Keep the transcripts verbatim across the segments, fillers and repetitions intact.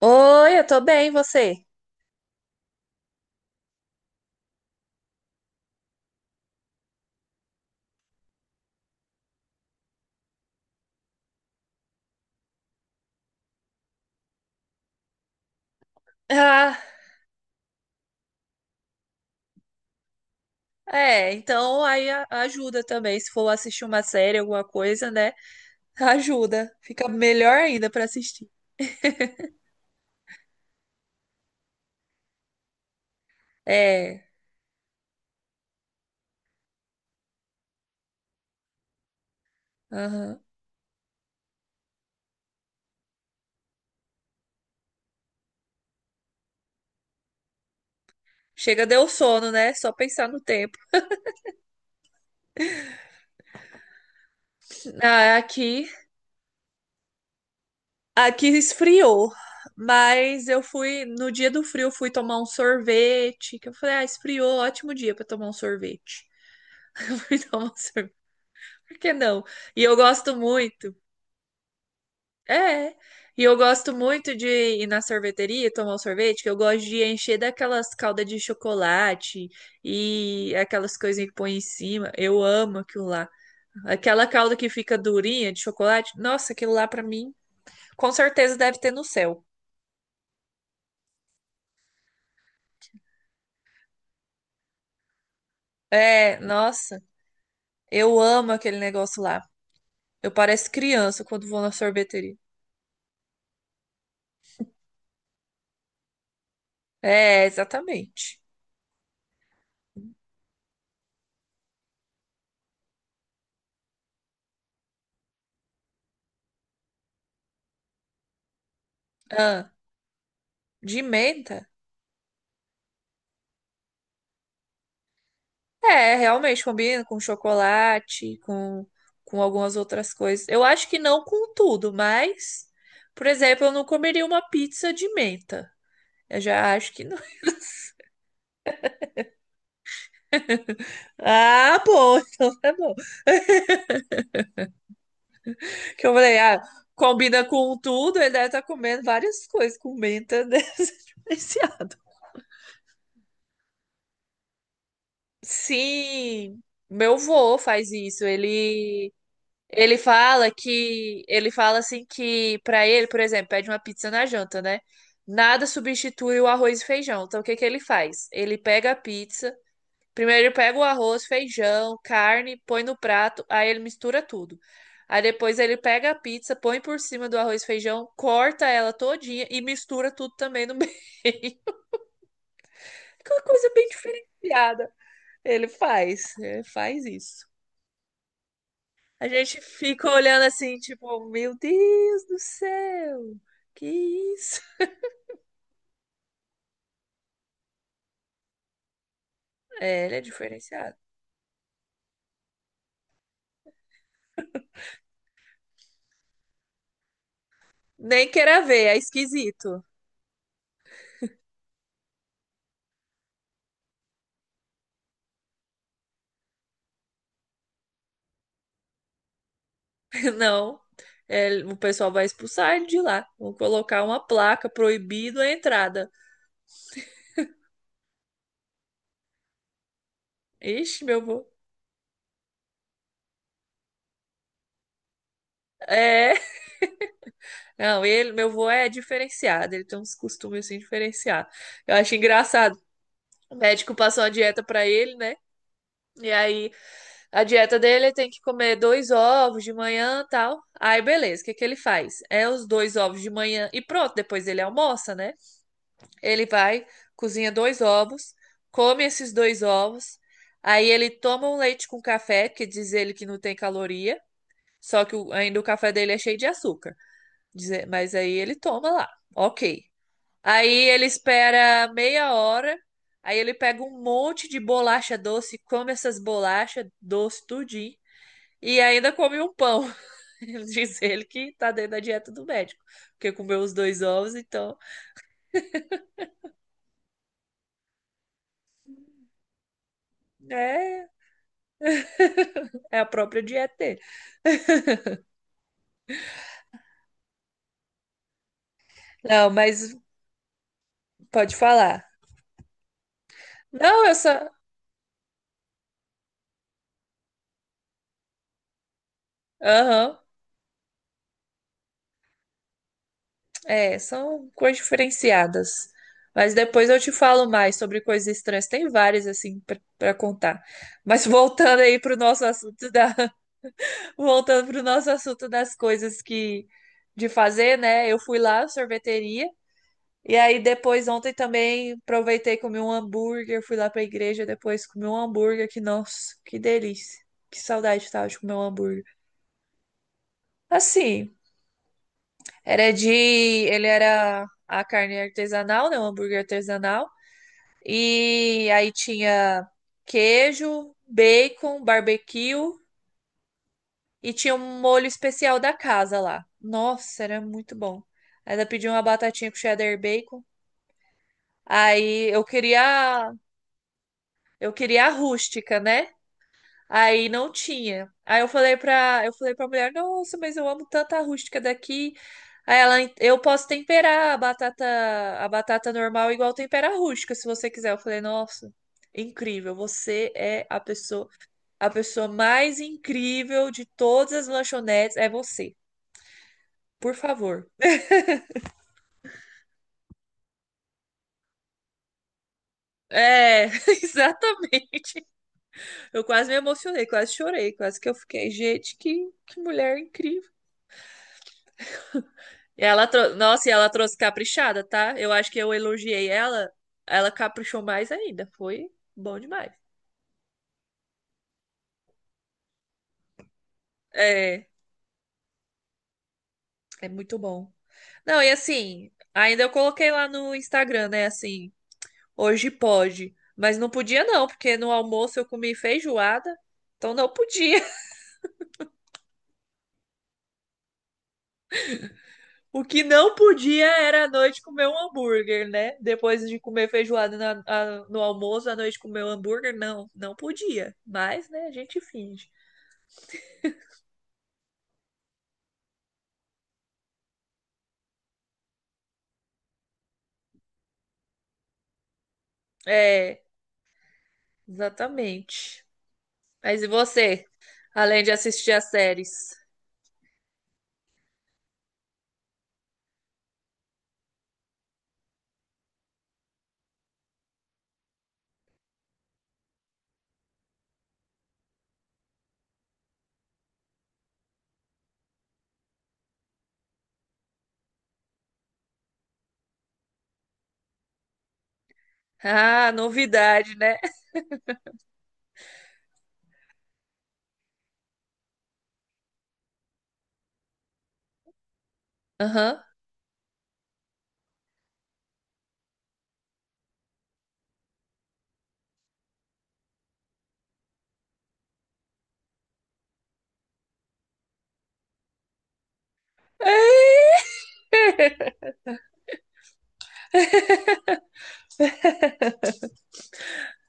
Oi, eu tô bem, você? Ah, é, então aí a- ajuda também. Se for assistir uma série, alguma coisa, né? Ajuda. Fica melhor ainda pra assistir. É, aham. Chega, deu sono, né? Só pensar no tempo. Ah, aqui, aqui esfriou. Mas eu fui, no dia do frio, eu fui tomar um sorvete. Que eu falei, ah, esfriou, ótimo dia pra tomar um sorvete. Eu fui tomar um sorvete. Por que não? E eu gosto muito. É. é. E eu gosto muito de ir na sorveteria e tomar um sorvete, que eu gosto de encher daquelas caldas de chocolate e aquelas coisinhas que põe em cima. Eu amo aquilo lá. Aquela calda que fica durinha de chocolate. Nossa, aquilo lá pra mim, com certeza deve ter no céu. É, nossa, eu amo aquele negócio lá. Eu pareço criança quando vou na sorveteria. É, exatamente. Ah, de menta? É, realmente combina com chocolate, com, com algumas outras coisas. Eu acho que não com tudo, mas, por exemplo, eu não comeria uma pizza de menta. Eu já acho que não. Ah, bom, então é bom. Que eu falei, ah, combina com tudo, ele deve estar comendo várias coisas com menta, né? Esse sim, meu vô faz isso. Ele Ele fala que ele fala assim que pra ele, por exemplo, pede uma pizza na janta, né? Nada substitui o arroz e feijão. Então o que que ele faz? Ele pega a pizza, primeiro ele pega o arroz, feijão, carne, põe no prato, aí ele mistura tudo. Aí depois ele pega a pizza, põe por cima do arroz e feijão, corta ela todinha e mistura tudo também no meio. Que é uma coisa bem diferenciada. Ele faz, ele faz isso. A gente fica olhando assim, tipo, meu Deus do céu, que isso? É, ele é diferenciado. Nem queira ver, é esquisito. Não, é, o pessoal vai expulsar ele de lá. Vão colocar uma placa proibido a entrada. Ixi, meu vô. É, não, ele, meu vô é diferenciado, ele tem uns costumes assim diferenciados. Eu acho engraçado. O médico passou uma dieta pra ele, né? E aí a dieta dele tem que comer dois ovos de manhã, e tal. Aí beleza, o que que ele faz? É os dois ovos de manhã e pronto, depois ele almoça, né? Ele vai, cozinha dois ovos, come esses dois ovos. Aí ele toma um leite com café, que diz ele que não tem caloria, só que o- ainda o café dele é cheio de açúcar. Diz- Mas aí ele toma lá. Ok. Aí ele espera meia hora, aí ele pega um monte de bolacha doce, come essas bolachas doce tudinho e ainda come um pão. Ele Diz ele que tá dentro da dieta do médico, porque comeu os dois ovos, então é, é a própria dieta dele. Não, mas pode falar. Não, eu só. Aham, é, são coisas diferenciadas. Mas depois eu te falo mais sobre coisas estranhas. Tem várias, assim, pra pra contar. Mas voltando aí pro nosso assunto da Voltando para o nosso assunto das coisas que de fazer, né? Eu fui lá, sorveteria. E aí depois ontem também aproveitei e comi um hambúrguer, fui lá para a igreja, depois comi um hambúrguer que nossa, que delícia. Que saudade que tava de comer um hambúrguer. Assim, era de, ele era a carne artesanal, né? Um hambúrguer artesanal. E aí tinha queijo, bacon, barbecue. E tinha um molho especial da casa lá. Nossa, era muito bom. Ainda pedi uma batatinha com cheddar bacon. Aí eu queria, eu queria a rústica, né? Aí não tinha. Aí eu falei pra, eu falei pra mulher, nossa, mas eu amo tanto a rústica daqui. Aí ela, eu posso temperar a batata, a batata normal igual tempera a rústica, se você quiser. Eu falei, nossa, incrível. Você é a pessoa, a pessoa mais incrível de todas as lanchonetes, é você. Por favor. É, exatamente. Eu quase me emocionei, quase chorei, quase que eu fiquei, gente, que, que mulher incrível. E ela, trou- nossa, e ela trouxe caprichada, tá? Eu acho que eu elogiei ela, ela caprichou mais ainda. Foi bom demais. É, é muito bom. Não, e assim, ainda eu coloquei lá no Instagram, né, assim, hoje pode, mas não podia não, porque no almoço eu comi feijoada, então não podia. O que não podia era à noite comer um hambúrguer, né? Depois de comer feijoada na- a- no almoço, à noite comer um hambúrguer, não, não podia. Mas, né, a gente finge. É, exatamente. Mas e você, além de assistir as séries? Ah, novidade, né? Aham.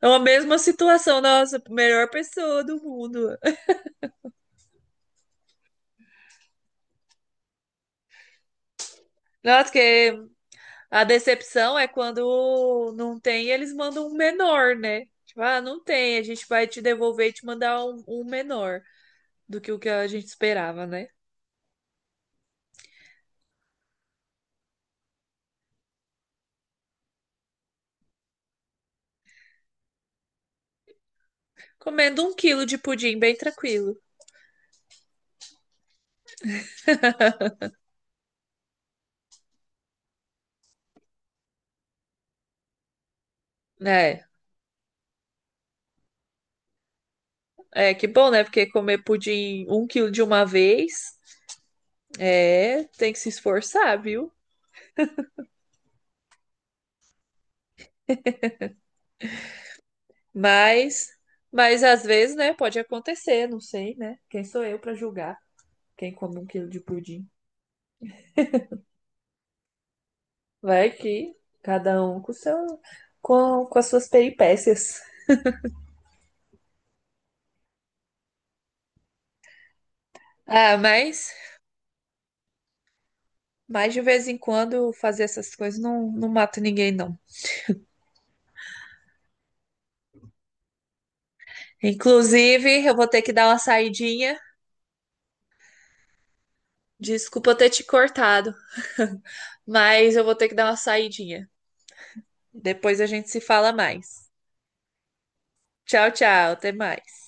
É a mesma situação, nossa, melhor pessoa do mundo. Nossa, que a decepção é quando não tem, eles mandam um menor, né? Tipo, ah, não tem, a gente vai te devolver e te mandar um, um menor do que o que a gente esperava, né? Comendo um quilo de pudim, bem tranquilo, né? É, que bom, né? Porque comer pudim um quilo de uma vez, é, tem que se esforçar, viu? Mas, mas às vezes, né, pode acontecer, não sei, né? Quem sou eu pra julgar quem come um quilo de pudim? Vai que cada um com seu, com, com as suas peripécias. Ah, mas, mas de vez em quando fazer essas coisas não, não mata ninguém, não. Inclusive, eu vou ter que dar uma saidinha. Desculpa eu ter te cortado, mas eu vou ter que dar uma saidinha. Depois a gente se fala mais. Tchau, tchau, até mais.